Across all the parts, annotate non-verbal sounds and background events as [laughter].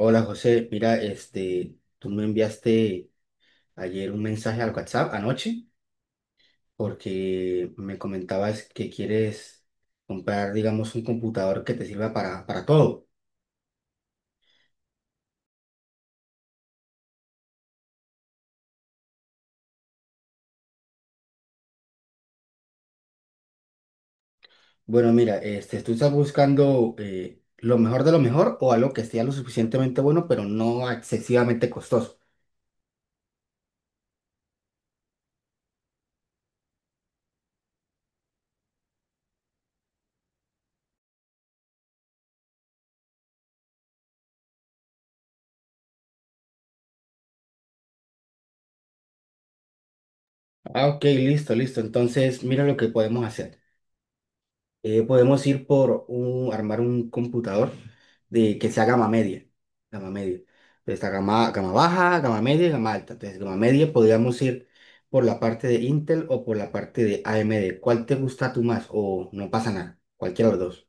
Hola José, mira, tú me enviaste ayer un mensaje al WhatsApp anoche porque me comentabas que quieres comprar, digamos, un computador que te sirva para todo. Bueno, mira, tú estás buscando lo mejor de lo mejor o algo que sea lo suficientemente bueno, pero no excesivamente costoso. Ah, ok, listo, listo. Entonces, mira lo que podemos hacer. Podemos ir por armar un computador que sea gama media. Gama media. Pues está gama baja, gama media y gama alta. Entonces, gama media podríamos ir por la parte de Intel o por la parte de AMD. ¿Cuál te gusta tú más? O no pasa nada. Cualquiera de los dos.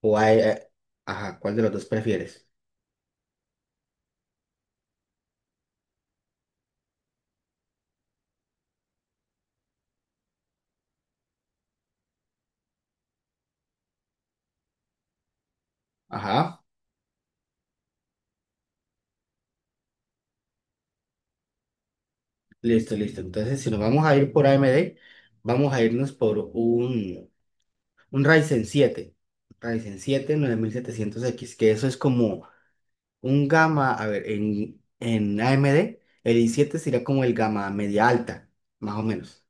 O hay, eh, ajá, ¿cuál de los dos prefieres? Ajá. Listo, listo. Entonces, si nos vamos a ir por AMD, vamos a irnos por un Ryzen siete nueve mil setecientos x, que eso es como un gamma, a ver, en AMD, el i7 sería como el gamma media alta, más o menos.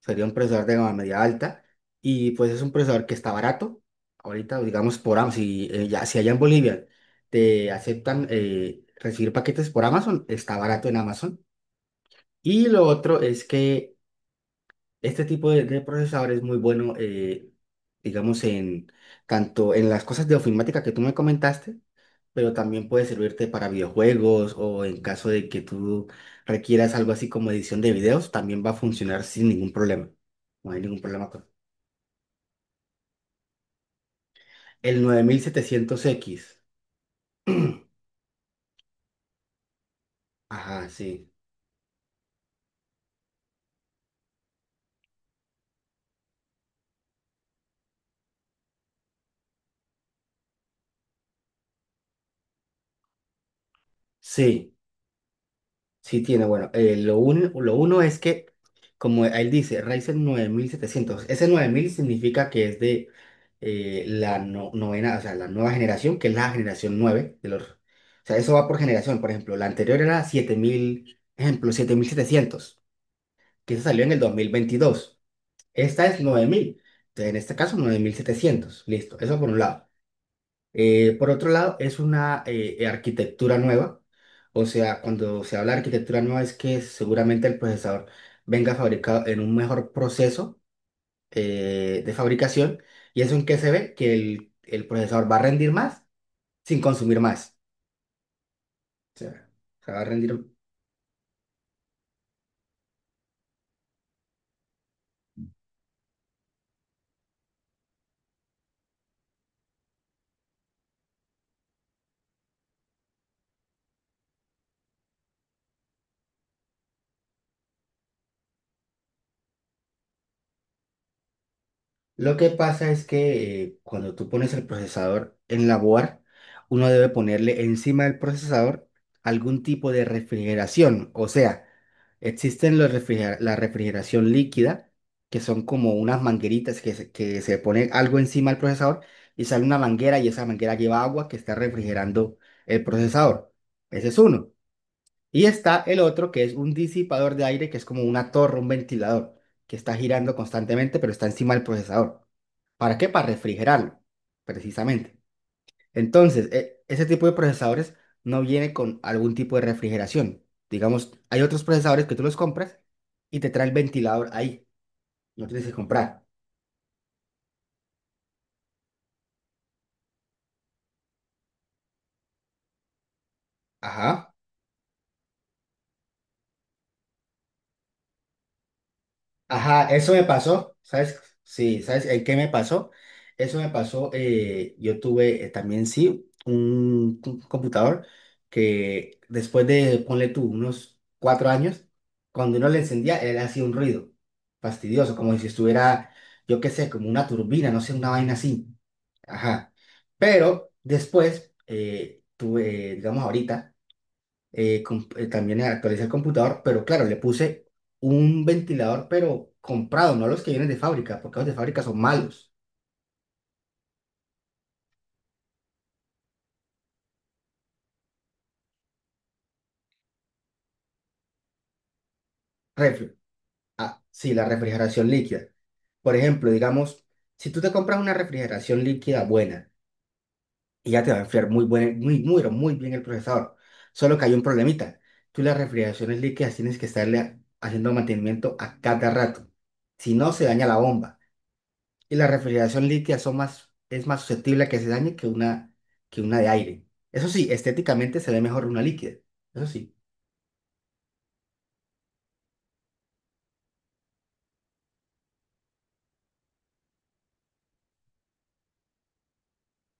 Sería un procesador de gama media alta. Y pues es un procesador que está barato. Ahorita, digamos, por Amazon, si allá en Bolivia te aceptan recibir paquetes por Amazon, está barato en Amazon. Y lo otro es que este tipo de procesador es muy bueno, digamos, en tanto en las cosas de ofimática que tú me comentaste, pero también puede servirte para videojuegos o en caso de que tú requieras algo así como edición de videos, también va a funcionar sin ningún problema. No hay ningún problema con... El nueve mil setecientos x. [clears throat] Ajá, sí. Sí. Sí tiene, bueno, lo uno es que, como él dice, Ryzen nueve mil setecientos, ese 9000 significa que es de la no- novena, o sea, la nueva generación, que es la generación 9 de los... O sea, eso va por generación, por ejemplo, la anterior era siete mil, ejemplo, siete mil setecientos, que se salió en el dos mil veintidós. Esta es nueve mil, entonces en este caso nueve mil setecientos, listo, eso por un lado. Por otro lado, es una arquitectura nueva. O sea, cuando se habla de arquitectura nueva es que seguramente el procesador venga fabricado en un mejor proceso de fabricación. ¿Y eso en qué se ve? Que el procesador va a rendir más sin consumir más. O sea, o sea, va a rendir. Lo que pasa es que cuando tú pones el procesador en la board, uno debe ponerle encima del procesador algún tipo de refrigeración. O sea, existen la refrigeración líquida, que son como unas mangueritas que se pone algo encima del procesador y sale una manguera y esa manguera lleva agua que está refrigerando el procesador. Ese es uno. Y está el otro, que es un disipador de aire, que es como una torre, un ventilador, que está girando constantemente, pero está encima del procesador. ¿Para qué? Para refrigerarlo, precisamente. Entonces, ese tipo de procesadores no viene con algún tipo de refrigeración. Digamos, hay otros procesadores que tú los compras y te trae el ventilador ahí. No tienes que comprar. Ajá. Ajá, eso me pasó, ¿sabes? Sí, ¿sabes el qué me pasó? Eso me pasó, yo tuve también, sí, un computador que después de, ponle tú, unos cuatro años, cuando uno le encendía, él hacía un ruido fastidioso, como si estuviera, yo qué sé, como una turbina, no sé, una vaina así. Ajá. Pero después, tuve, digamos ahorita, también actualicé el computador, pero claro, le puse un ventilador, pero comprado, no los que vienen de fábrica, porque los de fábrica son malos. Refri ah, sí, la refrigeración líquida. Por ejemplo, digamos, si tú te compras una refrigeración líquida buena, y ya te va a enfriar muy, buen, muy, muy, pero muy bien el procesador, solo que hay un problemita. Tú las refrigeraciones líquidas tienes que estarle haciendo mantenimiento a cada rato, si no se daña la bomba. Y la refrigeración líquida es más susceptible a que se dañe que que una de aire. Eso sí, estéticamente se ve mejor una líquida. Eso sí.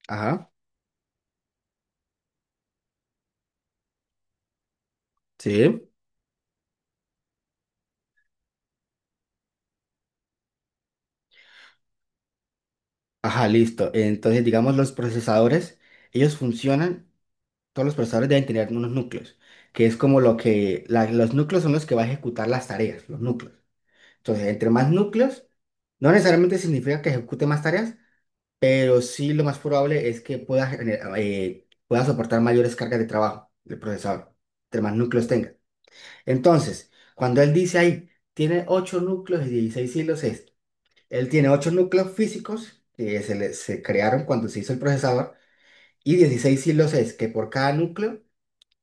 Ajá, sí. Ajá, listo. Entonces, digamos, los procesadores, ellos funcionan, todos los procesadores deben tener unos núcleos, que es como lo que, los núcleos son los que va a ejecutar las tareas, los núcleos. Entonces, entre más núcleos, no necesariamente significa que ejecute más tareas, pero sí lo más probable es que pueda, pueda soportar mayores cargas de trabajo del procesador, entre más núcleos tenga. Entonces, cuando él dice ahí, tiene 8 núcleos y 16 hilos, es, él tiene 8 núcleos físicos que se crearon cuando se hizo el procesador, y 16 hilos es que por cada núcleo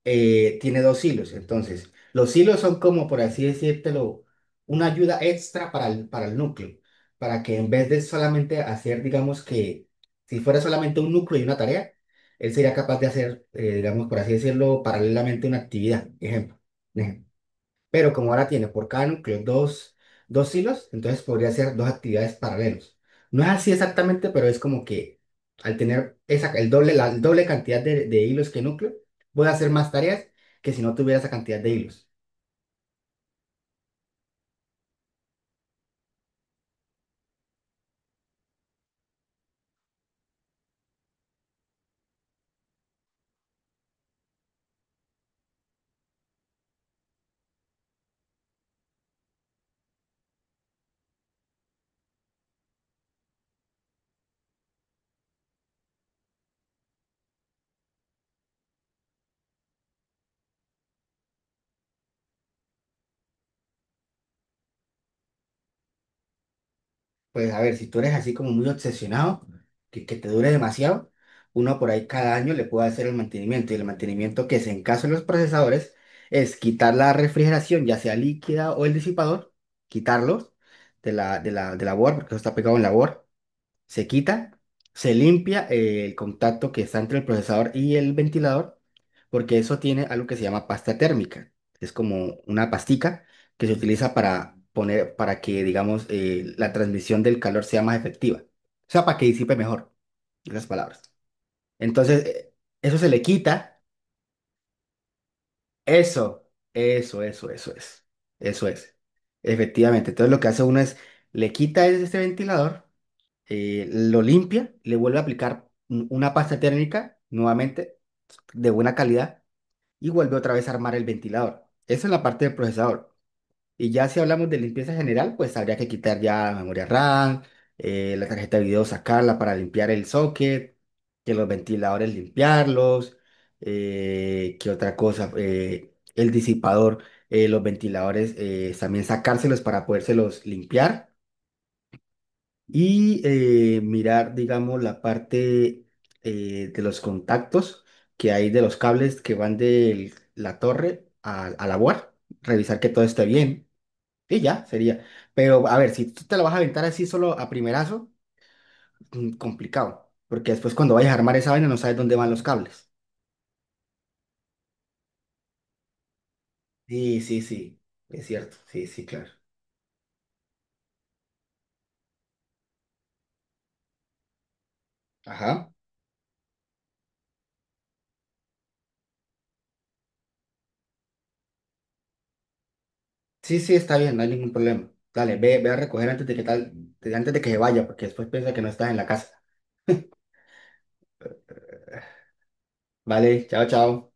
tiene dos hilos. Entonces, los hilos son como, por así decírtelo, una ayuda extra para para el núcleo, para que en vez de solamente hacer, digamos que, si fuera solamente un núcleo y una tarea, él sería capaz de hacer, digamos, por así decirlo, paralelamente una actividad. Ejemplo. Pero como ahora tiene por cada núcleo dos hilos, entonces podría ser dos actividades paralelos. No es así exactamente, pero es como que al tener esa, el doble, la el doble cantidad de hilos que núcleo, voy a hacer más tareas que si no tuviera esa cantidad de hilos. Pues a ver, si tú eres así como muy obsesionado, que te dure demasiado, uno por ahí cada año le puede hacer el mantenimiento. Y el mantenimiento, que es en caso de los procesadores, es quitar la refrigeración, ya sea líquida o el disipador, quitarlos de la board, porque eso está pegado en la board, se quita, se limpia el contacto que está entre el procesador y el ventilador, porque eso tiene algo que se llama pasta térmica. Es como una pastica que se utiliza para poner, para que, digamos, la transmisión del calor sea más efectiva. O sea, para que disipe mejor, en las palabras. Entonces, eso se le quita. Eso es. Eso es. Efectivamente. Entonces, lo que hace uno es, le quita este ventilador, lo limpia, le vuelve a aplicar una pasta térmica nuevamente de buena calidad, y vuelve otra vez a armar el ventilador. Eso es la parte del procesador. Y ya si hablamos de limpieza general, pues habría que quitar ya memoria RAM, la tarjeta de video sacarla para limpiar el socket, que los ventiladores limpiarlos, que otra cosa, el disipador, los ventiladores también sacárselos para podérselos limpiar, y mirar, digamos, la parte de los contactos que hay de los cables que van de la torre a la board, revisar que todo esté bien, y ya sería. Pero a ver, si tú te lo vas a aventar así solo a primerazo, mm, complicado, porque después cuando vayas a armar esa vaina no sabes dónde van los cables. Sí, sí, sí, es cierto, sí, sí, claro. Ajá. Sí, sí, está bien, no hay ningún problema. Dale, ve a recoger antes de que tal, antes de que se vaya, porque después piensa que no estás en la casa. Vale, chao, chao.